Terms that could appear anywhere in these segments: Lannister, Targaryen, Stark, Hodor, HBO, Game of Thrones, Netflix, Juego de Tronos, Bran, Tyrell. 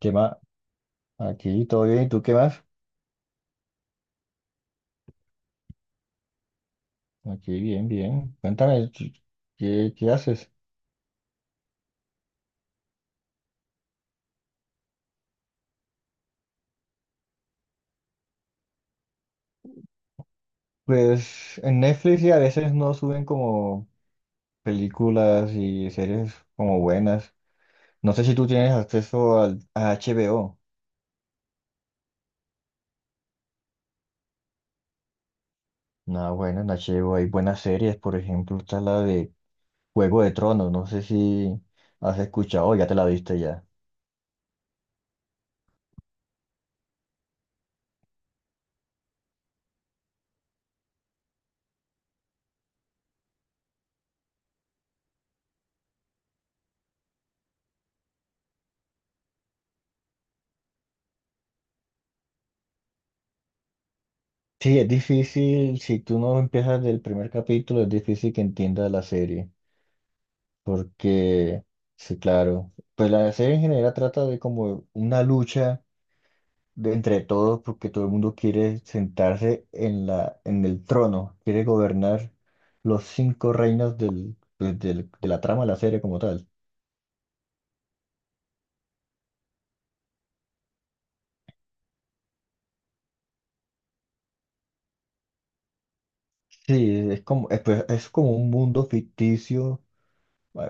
¿Qué más? Aquí todo bien, ¿y tú qué más? Aquí bien, bien. Cuéntame, ¿qué haces? Pues en Netflix y a veces no suben como películas y series como buenas. No sé si tú tienes acceso a HBO. No, bueno, en HBO hay buenas series, por ejemplo, está la de Juego de Tronos. No sé si has escuchado, o ya te la viste ya. Sí, es difícil, si tú no empiezas del primer capítulo, es difícil que entiendas la serie. Porque, sí, claro, pues la serie en general trata de como una lucha de entre todos, porque todo el mundo quiere sentarse en en el trono, quiere gobernar los cinco reinos del de la trama de la serie como tal. Sí, es como, es, pues, es como un mundo ficticio,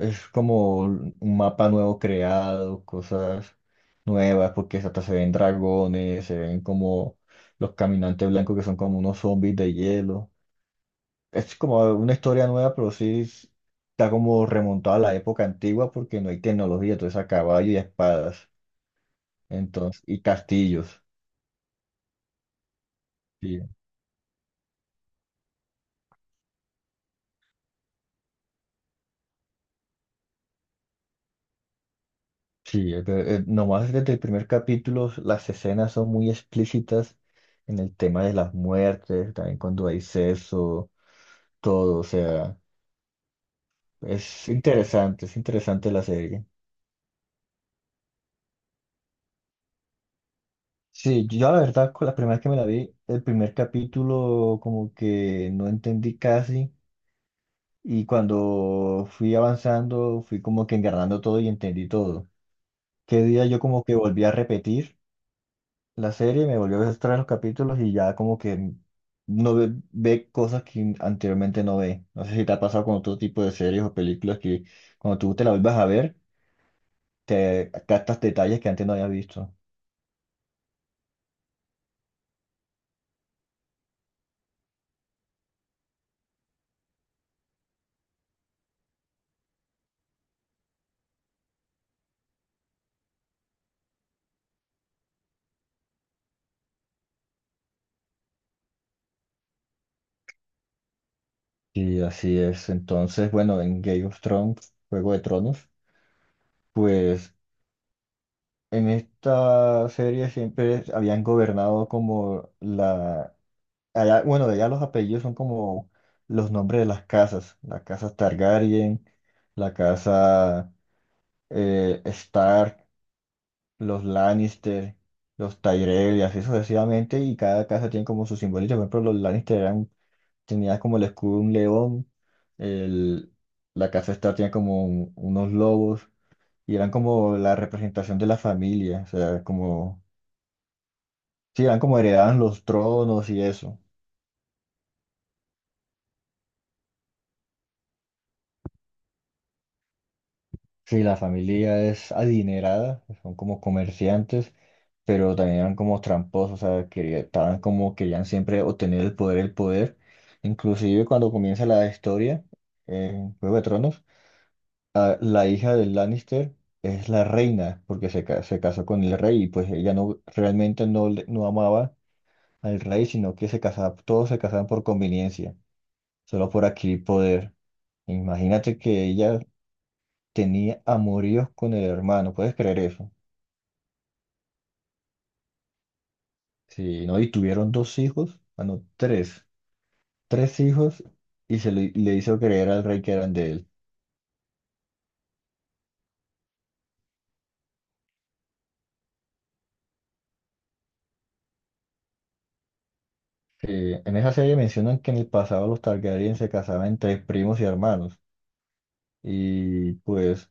es como un mapa nuevo creado, cosas nuevas, porque hasta se ven dragones, se ven como los caminantes blancos que son como unos zombies de hielo. Es como una historia nueva, está como remontada a la época antigua porque no hay tecnología, entonces a caballo y a espadas, entonces, y castillos. Sí, sí, pero, nomás desde el primer capítulo las escenas son muy explícitas en el tema de las muertes, también cuando hay sexo, todo, o sea, es interesante la serie. Sí, yo la verdad, con la primera vez que me la vi, el primer capítulo como que no entendí casi. Y cuando fui avanzando, fui como que engarrando todo y entendí todo. Qué día yo como que volví a repetir la serie, me volvió a ver los capítulos y ya como que no ve, ve cosas que anteriormente no ve. No sé si te ha pasado con otro tipo de series o películas que cuando tú te la vuelvas a ver, te captas detalles que antes no habías visto. Y así es. Entonces, bueno, en Game of Thrones, Juego de Tronos, pues en esta serie siempre habían gobernado como la... Allá, bueno, de allá los apellidos son como los nombres de las casas. La casa Targaryen, la casa Stark, los Lannister, los Tyrell y así sucesivamente. Y cada casa tiene como su simbolismo. Por ejemplo, los Lannister eran, tenían como el escudo de un león. el- la casa Stark tenía como unos lobos. Y eran como la representación de la familia. O sea, como... Sí, eran como heredaban los tronos y eso. Sí, la familia es adinerada, son como comerciantes, pero también eran como tramposos, o sea, que estaban como querían siempre obtener el poder, el poder. Inclusive cuando comienza la historia en Juego de Tronos, la hija del Lannister es la reina, porque se casó con el rey y pues ella no realmente no, no amaba al rey, sino que se casaba, todos se casaban por conveniencia, solo por adquirir poder. Imagínate que ella tenía amoríos con el hermano, ¿puedes creer eso? Sí, ¿no? Y tuvieron dos hijos, ah, no, tres, tres hijos y le hizo creer al rey que eran de él. En esa serie mencionan que en el pasado los Targaryen se casaban entre primos y hermanos y pues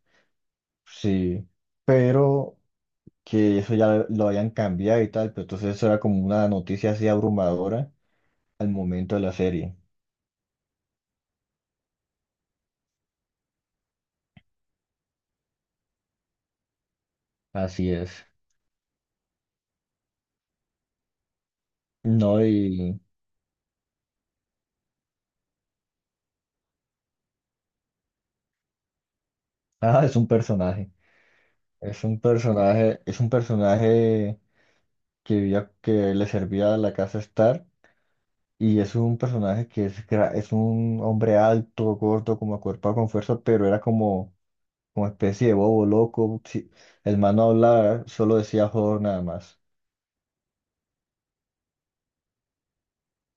sí, pero que eso ya lo habían cambiado y tal, pero entonces eso era como una noticia así abrumadora al momento de la serie. Así es. No, y... Ah, es un personaje. Es un personaje, es un personaje que vivía, que le servía a la casa Star y es un personaje que es, es un hombre alto, gordo, como acuerpado con fuerza, pero era como, como especie de bobo loco. Sí, el man no hablaba, solo decía joder nada más.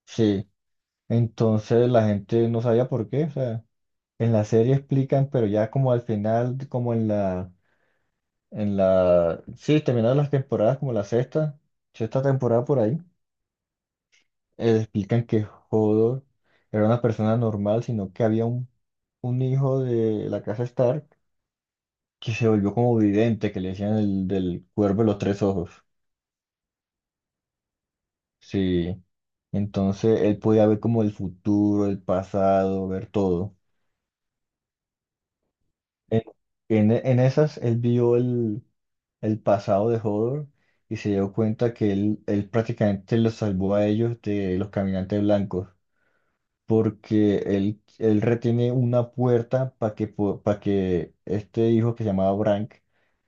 Sí, entonces la gente no sabía por qué, o sea, en la serie explican, pero ya como al final, como en sí, terminaron las temporadas, como la sexta, sexta temporada por ahí, explican que Hodor era una persona normal, sino que había un hijo de la casa Stark que se volvió como vidente, que le decían el del cuervo de los tres ojos. Sí. Entonces él podía ver como el futuro, el pasado, ver todo. En, en esas él vio el pasado de Hodor y se dio cuenta que él prácticamente los salvó a ellos de los caminantes blancos. Porque él retiene una puerta para para que este hijo que se llamaba Brank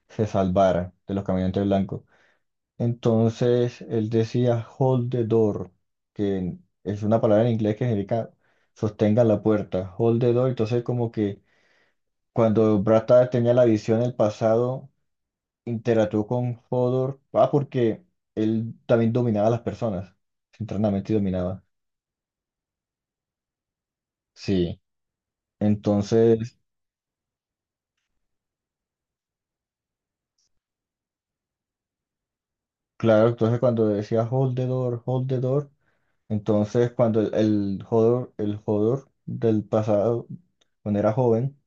se salvara de los caminantes blancos. Entonces él decía hold the door, que es una palabra en inglés que significa sostenga la puerta, hold the door. Entonces como que cuando Brata tenía la visión del pasado, interactuó con Hodor, ah, porque él también dominaba a las personas, internamente dominaba. Sí. Entonces... Claro, entonces cuando decía hold the door, entonces cuando el jugador del pasado, cuando era joven,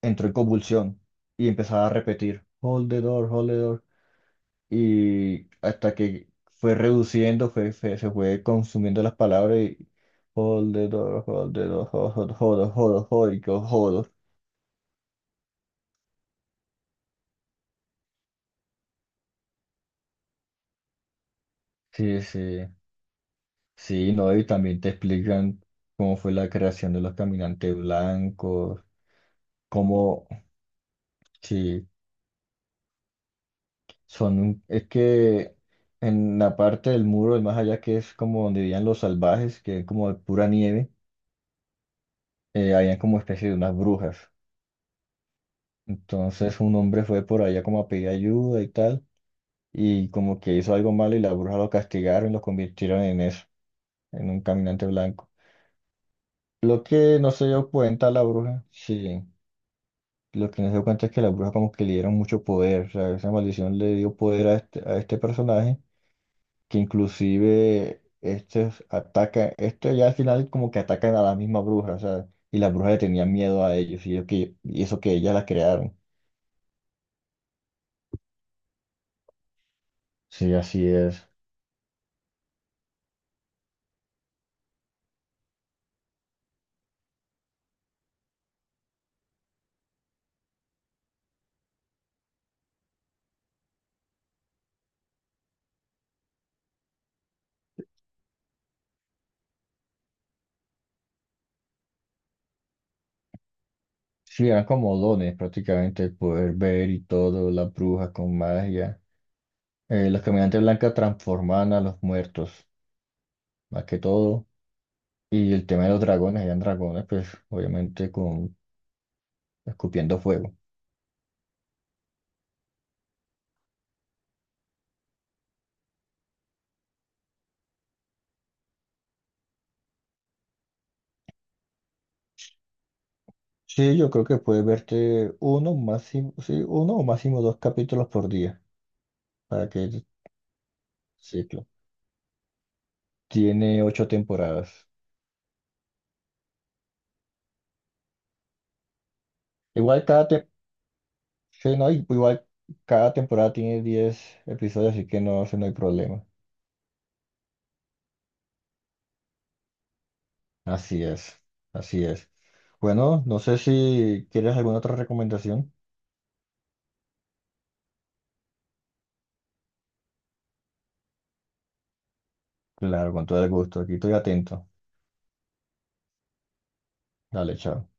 entró en convulsión y empezaba a repetir hold the door, y hasta que fue reduciendo, se fue consumiendo las palabras y hold the door, hold the door, hold, hold, hold, hold, y que hold. Sí, sí, sí, no, y también te explican cómo fue la creación de los caminantes blancos, cómo. Sí, son es que en la parte del muro, de más allá que es como donde vivían los salvajes, que es como de pura nieve, habían como especie de unas brujas. Entonces un hombre fue por allá como a pedir ayuda y tal, y como que hizo algo malo y las brujas lo castigaron y lo convirtieron en eso, en un caminante blanco. Lo que no se dio cuenta la bruja, sí, lo que no se dio cuenta es que la bruja como que le dieron mucho poder, o sea, esa maldición le dio poder a este personaje que inclusive estos atacan, esto ya al final como que atacan a la misma bruja, o sea, y la bruja le tenía miedo a ellos, y, yo que, y eso que ellas la crearon. Sí, así es. Sí, eran como dones prácticamente el poder ver y todo, las brujas con magia. Los caminantes blancas transformaban a los muertos, más que todo. Y el tema de los dragones, eran dragones, pues obviamente con escupiendo fuego. Sí, yo creo que puedes verte uno, máximo, sí, uno o máximo dos capítulos por día. Para que ciclo. Tiene ocho temporadas. Igual sí, no, igual cada temporada tiene diez episodios, así que no, eso no hay problema. Así es, así es. Bueno, no sé si quieres alguna otra recomendación. Claro, con todo el gusto. Aquí estoy atento. Dale, chao.